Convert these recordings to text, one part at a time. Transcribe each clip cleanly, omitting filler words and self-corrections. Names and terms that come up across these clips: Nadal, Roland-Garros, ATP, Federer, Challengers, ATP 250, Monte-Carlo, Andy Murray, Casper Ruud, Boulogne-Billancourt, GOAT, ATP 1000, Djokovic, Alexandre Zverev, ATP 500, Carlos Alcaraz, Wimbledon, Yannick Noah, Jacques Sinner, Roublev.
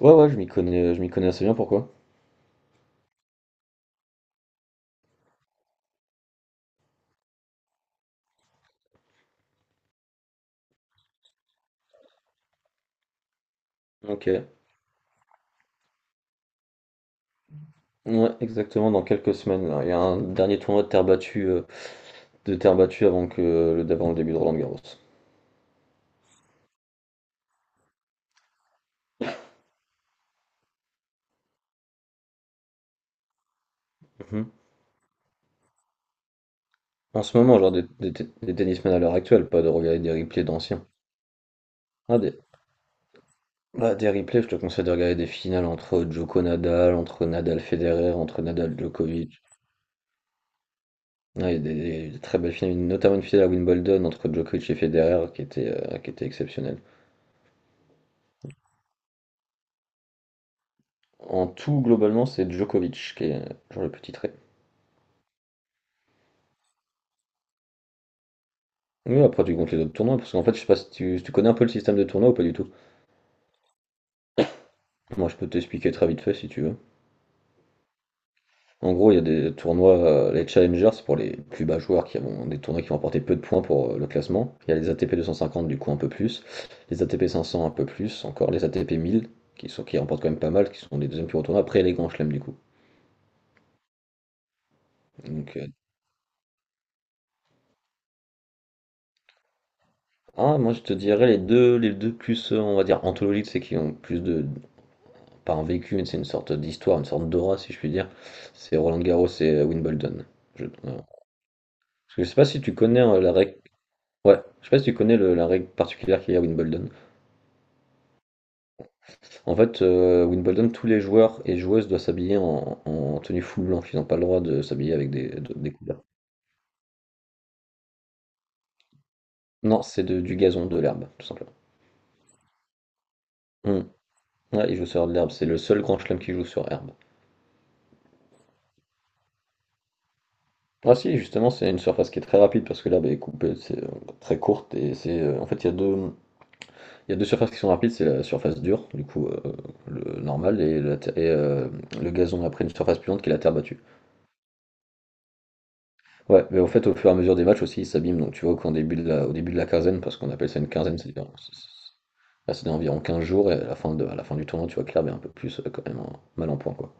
Ouais, je m'y connais assez bien, pourquoi? Ok. Ouais, exactement, dans quelques semaines. Là. Il y a un dernier tournoi de terre battue, avant avant le début de Roland-Garros. En ce moment, genre des tennismen à l'heure actuelle, pas de regarder des replays d'anciens. Ah, des, des replays, je te conseille de regarder des finales entre Djoko Nadal, entre Nadal Federer, entre Nadal Djokovic. Ouais, il y a des très belles finales, notamment une finale à Wimbledon entre Djokovic et Federer qui était exceptionnelle. En tout, globalement, c'est Djokovic qui est genre le petit titré. Oui, après tu comptes les autres tournois, parce qu'en fait, je sais pas si tu connais un peu le système de tournoi ou pas du tout. Moi, je peux t'expliquer très vite fait si tu veux. En gros, il y a des tournois, les Challengers, c'est pour les plus bas joueurs qui ont des tournois qui vont apporter peu de points pour le classement. Il y a les ATP 250, du coup, un peu plus. Les ATP 500, un peu plus. Encore les ATP 1000, qui remportent quand même pas mal, qui sont les deuxièmes plus gros tournois. Après, les grands chelems, du coup. Donc, euh, Moi, je te dirais les deux plus, on va dire, anthologiques, c'est qui ont plus de, pas un vécu, c'est une sorte d'histoire, une sorte d'aura, si je puis dire. C'est Roland Garros et Wimbledon. Parce que je sais pas si tu connais la règle. Ouais, je sais pas si tu connais la règle particulière qu'il y a à Wimbledon. En fait, Wimbledon, tous les joueurs et joueuses doivent s'habiller en tenue full blanche. Ils n'ont pas le droit de s'habiller avec des couleurs. Non, c'est du gazon, de l'herbe, tout simplement. Hmm. Ouais, ils jouent sur de l'herbe. C'est le seul grand chelem qui joue sur herbe. Ah si, justement, c'est une surface qui est très rapide parce que l'herbe est coupée, c'est très courte et c'est en fait il y a deux surfaces qui sont rapides, c'est la surface dure, du coup, le normal, et le gazon après une surface plus lente qui est la terre battue. Ouais, mais au fait, au fur et à mesure des matchs aussi, ils s'abîment. Donc tu vois qu'au début au début de la quinzaine, parce qu'on appelle ça une quinzaine, c'est là, c'est environ 15 jours, et à la à la fin du tournoi, tu vois que l'herbe est un peu plus quand même mal en point, quoi.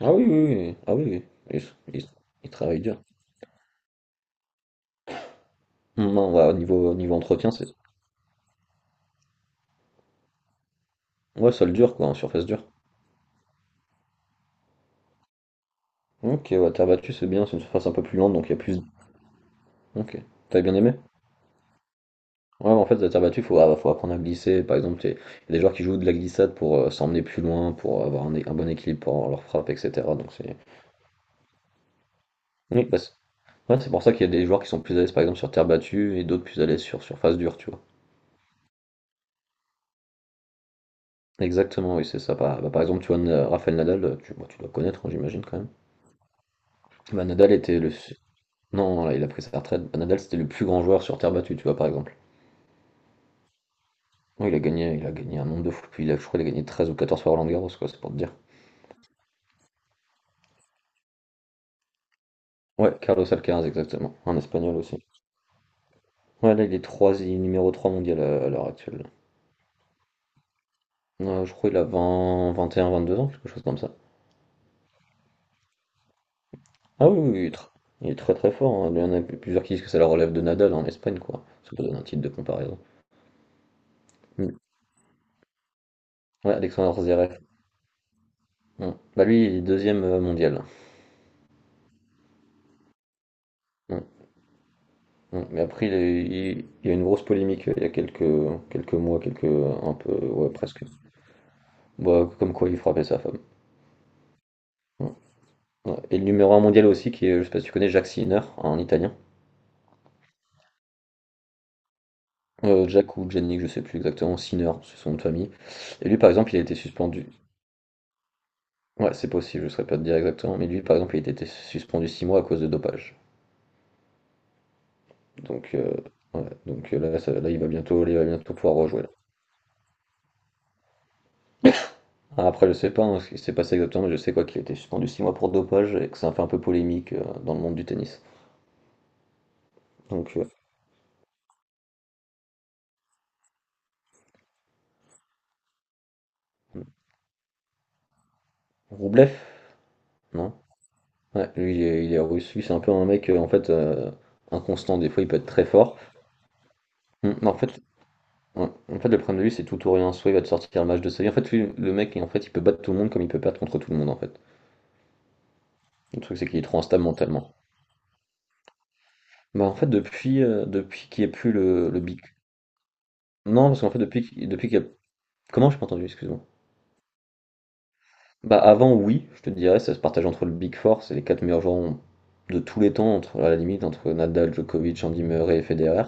Oui, ah oui. Ils, ils- Ils travaillent dur. Non, ouais, au niveau entretien, c'est. Ouais, sol dur, quoi, en surface dure. Ok, ouais, terre battue, c'est bien, c'est une surface un peu plus lente, donc il y a plus. Ok. T'as bien aimé? Ouais, en fait, la terre battue, faut apprendre à glisser. Par exemple, il y a des joueurs qui jouent de la glissade pour s'emmener plus loin, pour avoir un bon équilibre pour leur frappe, etc. Donc c'est Oui. bah, c'est ouais, c'est pour ça qu'il y a des joueurs qui sont plus à l'aise, par exemple, sur terre battue et d'autres plus à l'aise sur surface dure, tu vois. Exactement, oui, c'est ça. Par exemple, tu vois, Rafael Nadal, tu dois connaître, hein, j'imagine quand même. Bah, Nadal était le. Su- Non, là, il a pris sa retraite. Bah, Nadal, c'était le plus grand joueur sur terre battue, tu vois, par exemple. Oui, il a gagné un nombre de fois. Puis je crois qu'il a gagné 13 ou 14 fois Roland Garros, quoi, c'est pour te dire. Ouais, Carlos Alcaraz, exactement. Un espagnol aussi. Ouais, là, il est numéro 3 mondial à l'heure actuelle. Je crois qu'il a vingt et un, vingt deux ans, quelque chose comme ça. Ah oui, il est très très fort, hein. Il y en a plusieurs qui disent que ça le relève de Nadal en Espagne, quoi. Ça peut donner un titre de comparaison. Mm. Ouais, Alexandre Zverev. Mm. Bah lui, il est deuxième mondial. Mm. Mm. Mais après, il, est- il y a eu une grosse polémique il y a quelques mois, un peu, ouais, presque. Bah, comme quoi il frappait sa femme. Mm. Ouais. Et le numéro un mondial aussi, qui est, je sais pas si tu connais, Jacques Sinner, un italien. Jack ou Jenny, je sais plus exactement, Sinner, c'est son nom de famille. Et lui, par exemple, il a été suspendu ouais, c'est possible, je saurais pas te dire exactement, mais lui, par exemple, il a été suspendu 6 mois à cause de dopage. Donc, heu, ouais, là, il va bientôt pouvoir rejouer là. Ah, après, je sais pas, hein, ce qui s'est passé exactement, mais je sais quoi qu'il a été suspendu 6 mois pour dopage et que ça a fait un peu polémique, dans le monde du tennis. Donc, heu, Roublev? Non? Ouais, lui, il est russe, lui, c'est un peu un mec, inconstant. Des fois, il peut être très fort. Mmh, en fait Ouais. En fait, le problème de lui, c'est tout ou rien. Soit il va te sortir le match de sa vie. En fait, lui, le mec, en fait, il peut battre tout le monde comme il peut perdre contre tout le monde, en fait. Le truc, c'est qu'il est trop instable mentalement. Depuis qu'il n'y a plus le Big. Non, parce qu'en fait, depuis qu'il y a. Comment je pas entendu, excuse-moi. Bah, avant, oui, je te dirais, ça se partage entre le Big Four, c'est les quatre meilleurs joueurs de tous les temps, entre, à la limite, entre Nadal, Djokovic, Andy Murray et Federer.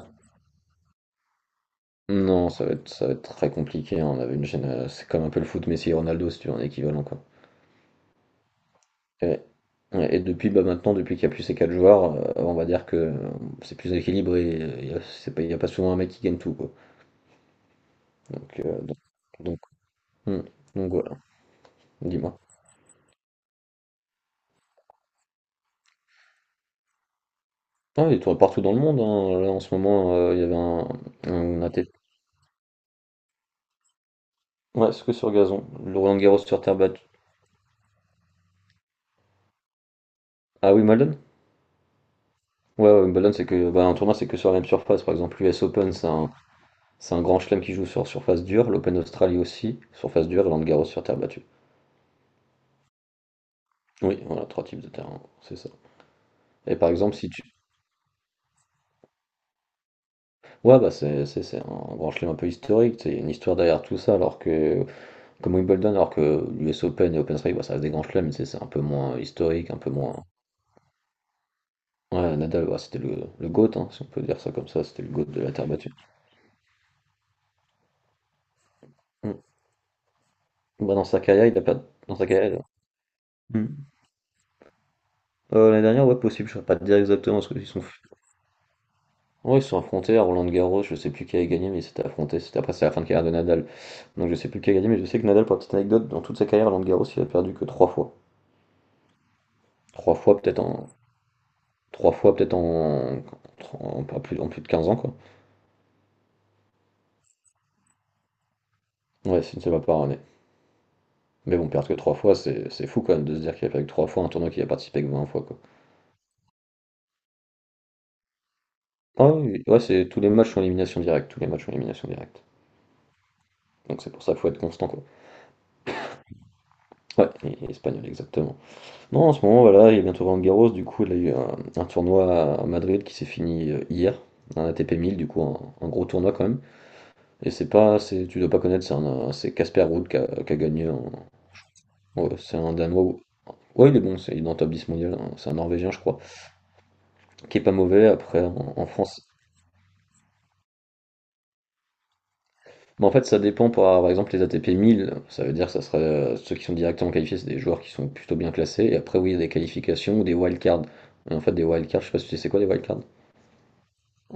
Non, ça va être très compliqué, hein. On avait une gêne- C'est comme un peu le foot Messi et Ronaldo, si tu veux, en équivalent, quoi. Et, ouais, et depuis, bah maintenant, depuis qu'il n'y a plus ces quatre joueurs, on va dire que c'est plus équilibré. Il y a pas souvent un mec qui gagne tout, quoi. Donc, euh, donc, donc, hmm, donc voilà, dis-moi. Ah, il tourne partout dans le monde, hein. Là, en ce moment, il y avait un ATP. Ouais, c'est que sur gazon. Le Roland Garros sur terre battue. Ah, Wimbledon? Ouais, Wimbledon, c'est que bah, un tournoi, c'est que sur la même surface. Par exemple, l'US Open, c'est un grand chelem qui joue sur surface dure. L'Open d'Australie aussi, surface dure. Et Roland Garros sur terre battue. Oui, voilà, trois types de terrain, c'est ça. Et par exemple, si tu Ouais, bah c'est un grand chelem un peu historique, tu sais, il y a une histoire derrière tout ça, comme Wimbledon, alors que l'US Open et Open Strike, bah, ça reste des grands chelems, mais tu sais, c'est un peu moins historique, un peu moins. Ouais, Nadal, ouais, c'était le GOAT, hein, si on peut dire ça comme ça, c'était le GOAT de la terre battue. Mm. Bah, dans sa carrière, il a pas. Dans sa carrière, Mm. L'année dernière, ouais, possible, je ne pas te dire exactement ce qu'ils sont. Ouais, ils se sont affrontés à Roland Garros, je sais plus qui a gagné, mais ils s'étaient affrontés, c'était après, c'est la fin de carrière de Nadal. Donc je sais plus qui a gagné, mais je sais que Nadal, pour la petite anecdote, dans toute sa carrière, Roland Garros, il a perdu que trois fois. Trois fois, peut-être en, trois fois peut-être en, en, en plus de 15 ans, quoi. Ouais, c'est une seule fois par année. Mais bon, perdre que trois fois, c'est fou quand même de se dire qu'il a perdu que trois fois un tournoi qu'il a participé que 20 fois, quoi. Oui. Ouais, c'est tous les matchs sont élimination directe. Donc c'est pour ça qu'il faut être constant, quoi. Ouais, il est espagnol, exactement. Non, en ce moment, voilà, il est bientôt Roland Garros, du coup, il a eu un tournoi à Madrid qui s'est fini hier, un ATP 1000, un gros tournoi quand même. Et c'est pas, c'est, Tu dois pas connaître, c'est c'est Casper Ruud qui a gagné, ouais, c'est un Danois. Ouais, il est il est dans le top 10 mondial, hein. C'est un Norvégien, je crois, qui est pas mauvais. Après, en France. Mais en fait, ça dépend par exemple les ATP 1000, ça veut dire que ça serait ceux qui sont directement qualifiés, c'est des joueurs qui sont plutôt bien classés. Et après, oui, il y a des qualifications ou des wildcards. En fait, des wildcards, je sais pas si tu sais c'est quoi des wildcards.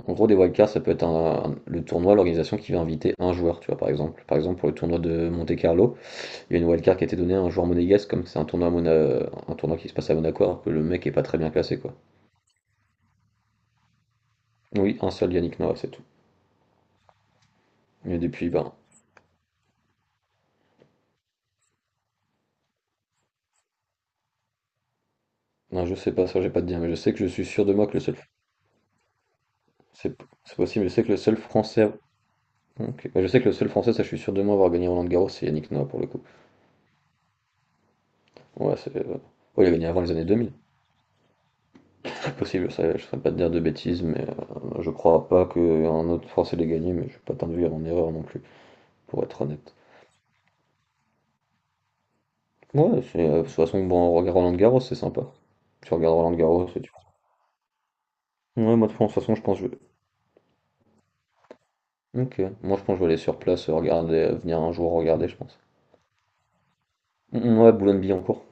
En gros, des wildcards, ça peut être le tournoi, l'organisation qui va inviter un joueur, tu vois, par exemple. Par exemple, pour le tournoi de Monte-Carlo, il y a une wildcard qui a été donnée à un joueur monégasque, comme c'est un tournoi, à un tournoi qui se passe à Monaco, alors que le mec est pas très bien classé, quoi. Oui, un seul Yannick Noah, c'est tout. Mais depuis, ben, Non, je sais pas, ça, j'ai pas de dire, mais je sais que je suis sûr de moi que le seul. C'est c'est possible, je sais que le seul français. Ok. Bah, je sais que le seul français, ça, je suis sûr de moi avoir gagné Roland Garros, c'est Yannick Noah pour le coup. Ouais, c'est. Ouais, il a gagné avant les années 2000. C'est possible, ça, je ne saurais pas te dire de bêtises, mais je crois pas qu'un autre français l'ait gagné, mais je suis pas t'induire en erreur non plus, pour être honnête. De toute façon, bon, on regarde Roland Garros, c'est sympa. Tu regardes Roland Garros et tu. Ouais, moi, de toute façon, je pense que je. Ok. Moi, je pense que je vais aller sur place, regarder, venir un jour regarder, je pense. Mm, ouais, Boulogne-Billancourt.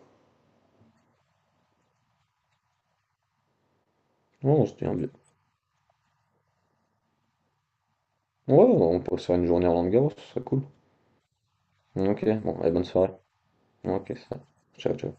Non, c'était un bien. Ouais, on pourrait se faire une journée à Roland-Garros, ce serait cool. Ok, bon, allez, bonne soirée. Ok, ça. Ciao, ciao.